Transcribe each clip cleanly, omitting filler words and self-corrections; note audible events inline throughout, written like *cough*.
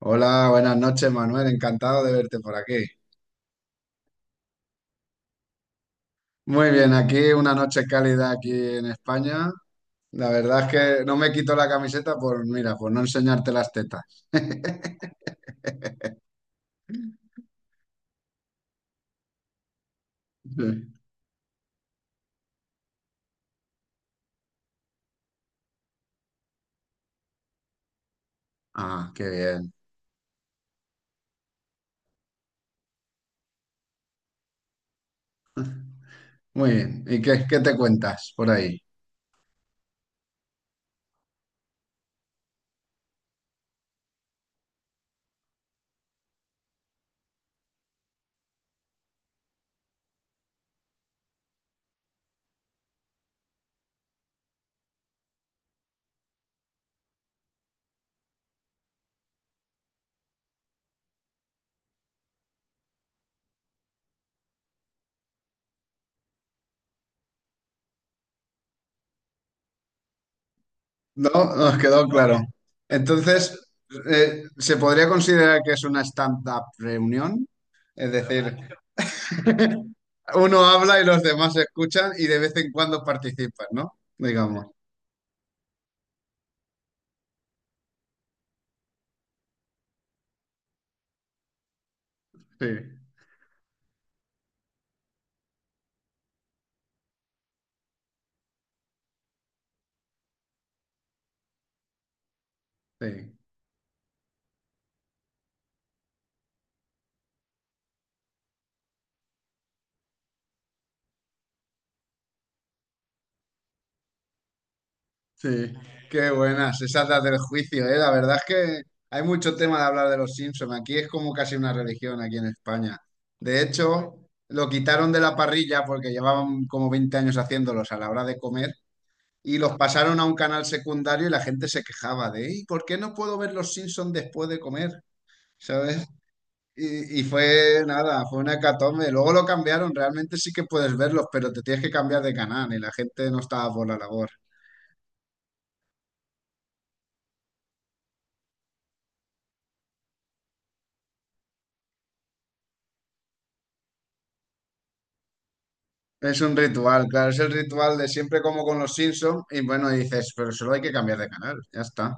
Hola, buenas noches, Manuel. Encantado de verte por aquí. Muy bien, aquí una noche cálida aquí en España. La verdad es que no me quito la camiseta por, mira, por no enseñarte las tetas. *laughs* Sí. Ah, qué bien. Muy bien. ¿Y qué te cuentas por ahí? No, nos quedó claro. Entonces, ¿se podría considerar que es una stand-up reunión? Es decir, *laughs* uno habla y los demás escuchan y de vez en cuando participan, ¿no? Digamos. Sí, sí, sí. Qué buenas, esas las del juicio, ¿eh? La verdad es que hay mucho tema de hablar de los Simpson. Aquí es como casi una religión aquí en España. De hecho, lo quitaron de la parrilla porque llevaban como 20 años haciéndolos a la hora de comer y los pasaron a un canal secundario y la gente se quejaba de, ¿y por qué no puedo ver los Simpson después de comer? ¿Sabes? Y fue nada, fue una hecatombe. Luego lo cambiaron, realmente sí que puedes verlos, pero te tienes que cambiar de canal y la gente no estaba por la labor. Es un ritual, claro, es el ritual de siempre como con los Simpsons y bueno, dices, pero solo hay que cambiar de canal, ya está.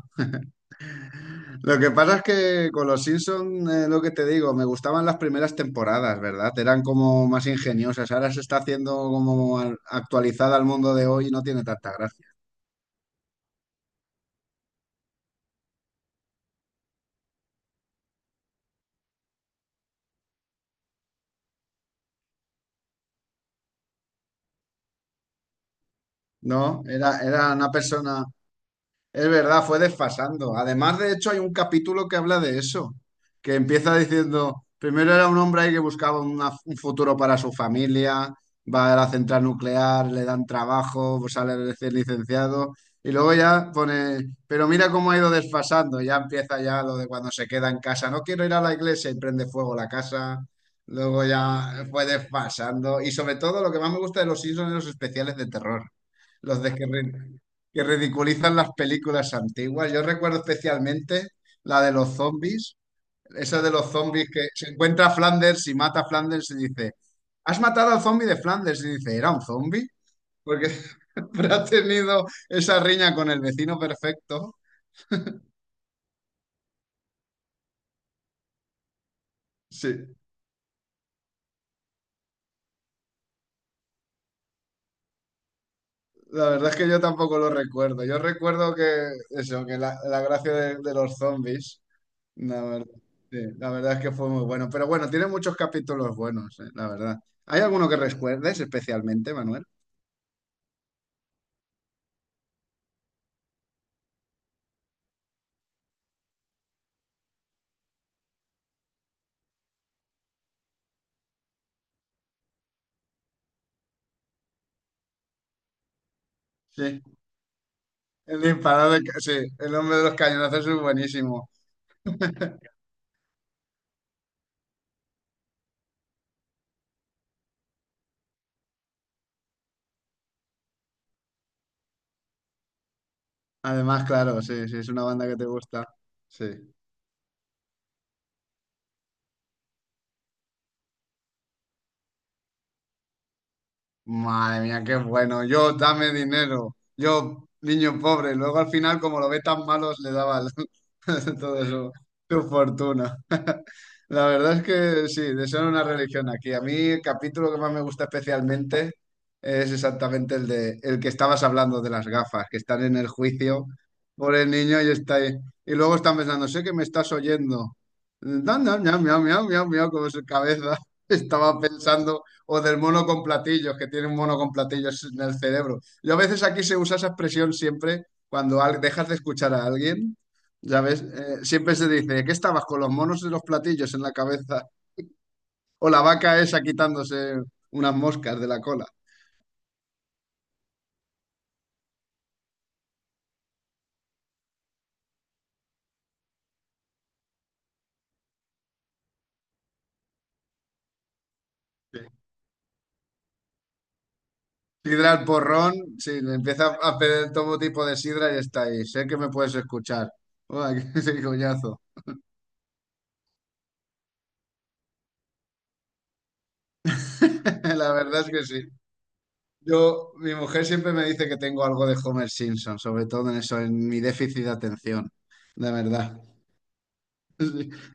Lo que pasa es que con los Simpsons, lo que te digo, me gustaban las primeras temporadas, ¿verdad? Eran como más ingeniosas, ahora se está haciendo como actualizada al mundo de hoy y no tiene tanta gracia. No, era una persona. Es verdad, fue desfasando. Además, de hecho, hay un capítulo que habla de eso, que empieza diciendo, primero era un hombre ahí que buscaba un futuro para su familia, va a la central nuclear, le dan trabajo, pues sale recién licenciado, y luego ya pone, pero mira cómo ha ido desfasando, ya empieza ya lo de cuando se queda en casa, no quiero ir a la iglesia y prende fuego la casa, luego ya fue desfasando, y sobre todo lo que más me gusta de los Simpsons es los especiales de terror. Los de que ridiculizan las películas antiguas. Yo recuerdo especialmente la de los zombies, esa de los zombies que se encuentra a Flanders y mata a Flanders y dice, ¿has matado al zombie de Flanders? Y dice, ¿era un zombie? Porque *laughs* siempre ha tenido esa riña con el vecino perfecto. Sí, la verdad es que yo tampoco lo recuerdo. Yo recuerdo que eso, que la gracia de los zombies. La verdad, sí, la verdad es que fue muy bueno. Pero bueno, tiene muchos capítulos buenos, la verdad. ¿Hay alguno que recuerdes especialmente, Manuel? Sí, el disparado de... Sí, el hombre de los cañonazos es buenísimo. Además, claro, sí, sí, es una banda que te gusta. Sí. Madre mía, qué bueno. Yo, dame dinero. Yo, niño pobre. Luego al final, como lo ve tan malos, le daba *laughs* todo su, su fortuna. *laughs* La verdad es que sí, desean una religión aquí. A mí el capítulo que más me gusta especialmente es exactamente el de el que estabas hablando de las gafas, que están en el juicio por el niño y está ahí. Y luego están pensando, sé que me estás oyendo. Miau, miau, miau, miau, miau, miau, miau, como su cabeza *laughs* estaba pensando. O del mono con platillos, que tiene un mono con platillos en el cerebro. Yo a veces aquí se usa esa expresión siempre cuando dejas de escuchar a alguien, ya ves. Siempre se dice, ¿qué estabas con los monos y los platillos en la cabeza? O la vaca esa quitándose unas moscas de la cola. Sí. Sidra al porrón, sí, le empieza a pedir todo tipo de sidra y está ahí. Sé que me puedes escuchar. Uy, *laughs* qué coñazo. *laughs* La verdad es que sí. Yo, mi mujer siempre me dice que tengo algo de Homer Simpson, sobre todo en eso, en mi déficit de atención, de verdad. *laughs*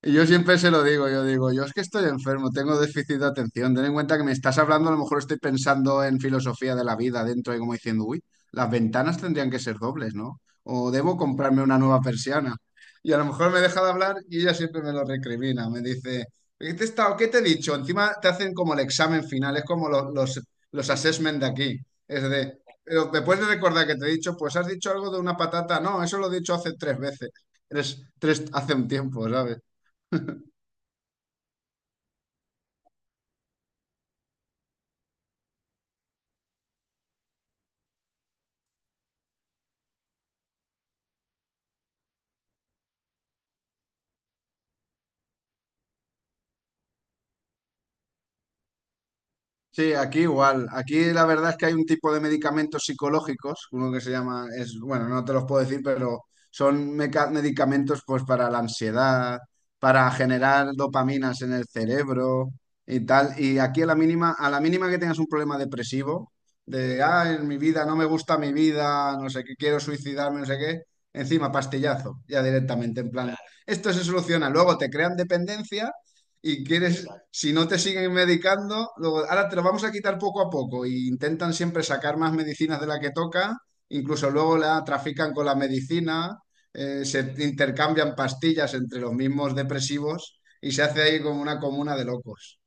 Y yo siempre se lo digo, yo es que estoy enfermo, tengo déficit de atención. Ten en cuenta que me estás hablando, a lo mejor estoy pensando en filosofía de la vida dentro y como diciendo, uy, las ventanas tendrían que ser dobles, ¿no? O debo comprarme una nueva persiana. Y a lo mejor me deja de hablar y ella siempre me lo recrimina, me dice, ¿qué te he estado, qué te he dicho? Encima te hacen como el examen final, es como los assessment de aquí. Es de, pero me puedes recordar que te he dicho, pues has dicho algo de una patata, no, eso lo he dicho hace 3 veces, hace un tiempo, ¿sabes? Sí, aquí igual. Aquí la verdad es que hay un tipo de medicamentos psicológicos, uno que se llama, es, bueno, no te los puedo decir, pero son medicamentos pues para la ansiedad, para generar dopaminas en el cerebro y tal. Y aquí a la mínima que tengas un problema depresivo, de, ah, en mi vida, no me gusta mi vida, no sé qué, quiero suicidarme, no sé qué, encima pastillazo, ya directamente, en plan, claro, esto se soluciona. Luego te crean dependencia y quieres si no te siguen medicando, luego, ahora te lo vamos a quitar poco a poco y intentan siempre sacar más medicinas de la que toca, incluso luego la trafican con la medicina, se intercambian pastillas entre los mismos depresivos y se hace ahí como una comuna de locos.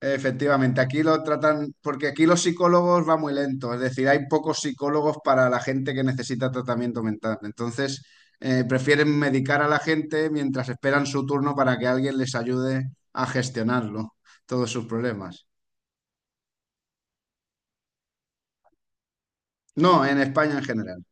Efectivamente, aquí lo tratan, porque aquí los psicólogos va muy lento, es decir, hay pocos psicólogos para la gente que necesita tratamiento mental. Entonces, prefieren medicar a la gente mientras esperan su turno para que alguien les ayude a gestionarlo, todos sus problemas. No, en España en general.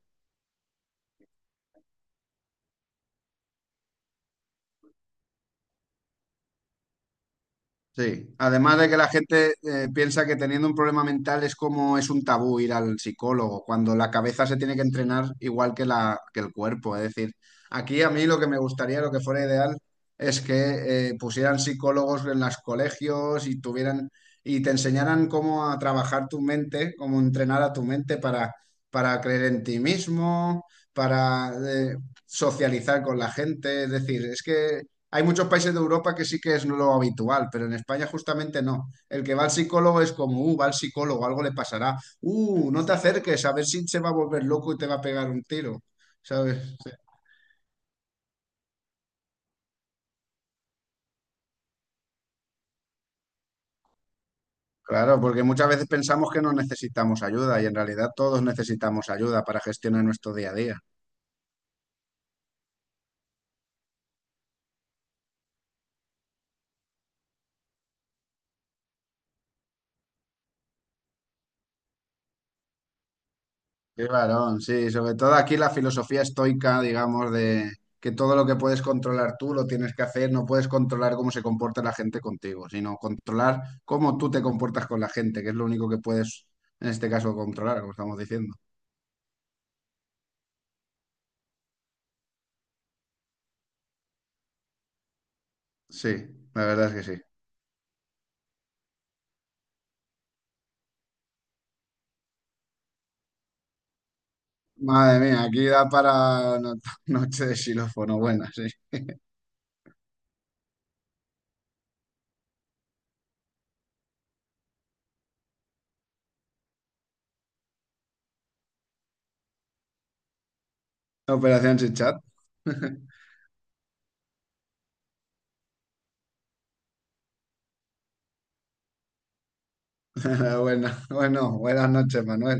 Sí, además de que la gente piensa que teniendo un problema mental es como es un tabú ir al psicólogo, cuando la cabeza se tiene que entrenar igual que la, que el cuerpo. Es decir, aquí a mí lo que me gustaría, lo que fuera ideal, es que pusieran psicólogos en los colegios y tuvieran y te enseñaran cómo a trabajar tu mente, cómo entrenar a tu mente para creer en ti mismo, para socializar con la gente. Es decir, es que hay muchos países de Europa que sí que es lo habitual, pero en España justamente no. El que va al psicólogo es como, va al psicólogo, algo le pasará. No te acerques, a ver si se va a volver loco y te va a pegar un tiro, ¿sabes? Sí. Claro, porque muchas veces pensamos que no necesitamos ayuda y en realidad todos necesitamos ayuda para gestionar nuestro día a día. Qué varón, sí, sobre todo aquí la filosofía estoica, digamos, de que todo lo que puedes controlar tú lo tienes que hacer, no puedes controlar cómo se comporta la gente contigo, sino controlar cómo tú te comportas con la gente, que es lo único que puedes, en este caso, controlar, como estamos diciendo. Sí, la verdad es que sí. Madre mía, aquí da para *laughs* noche de xilófono, buena, sí. Operación Chichat. *laughs* Buena, bueno, buenas noches, Manuel.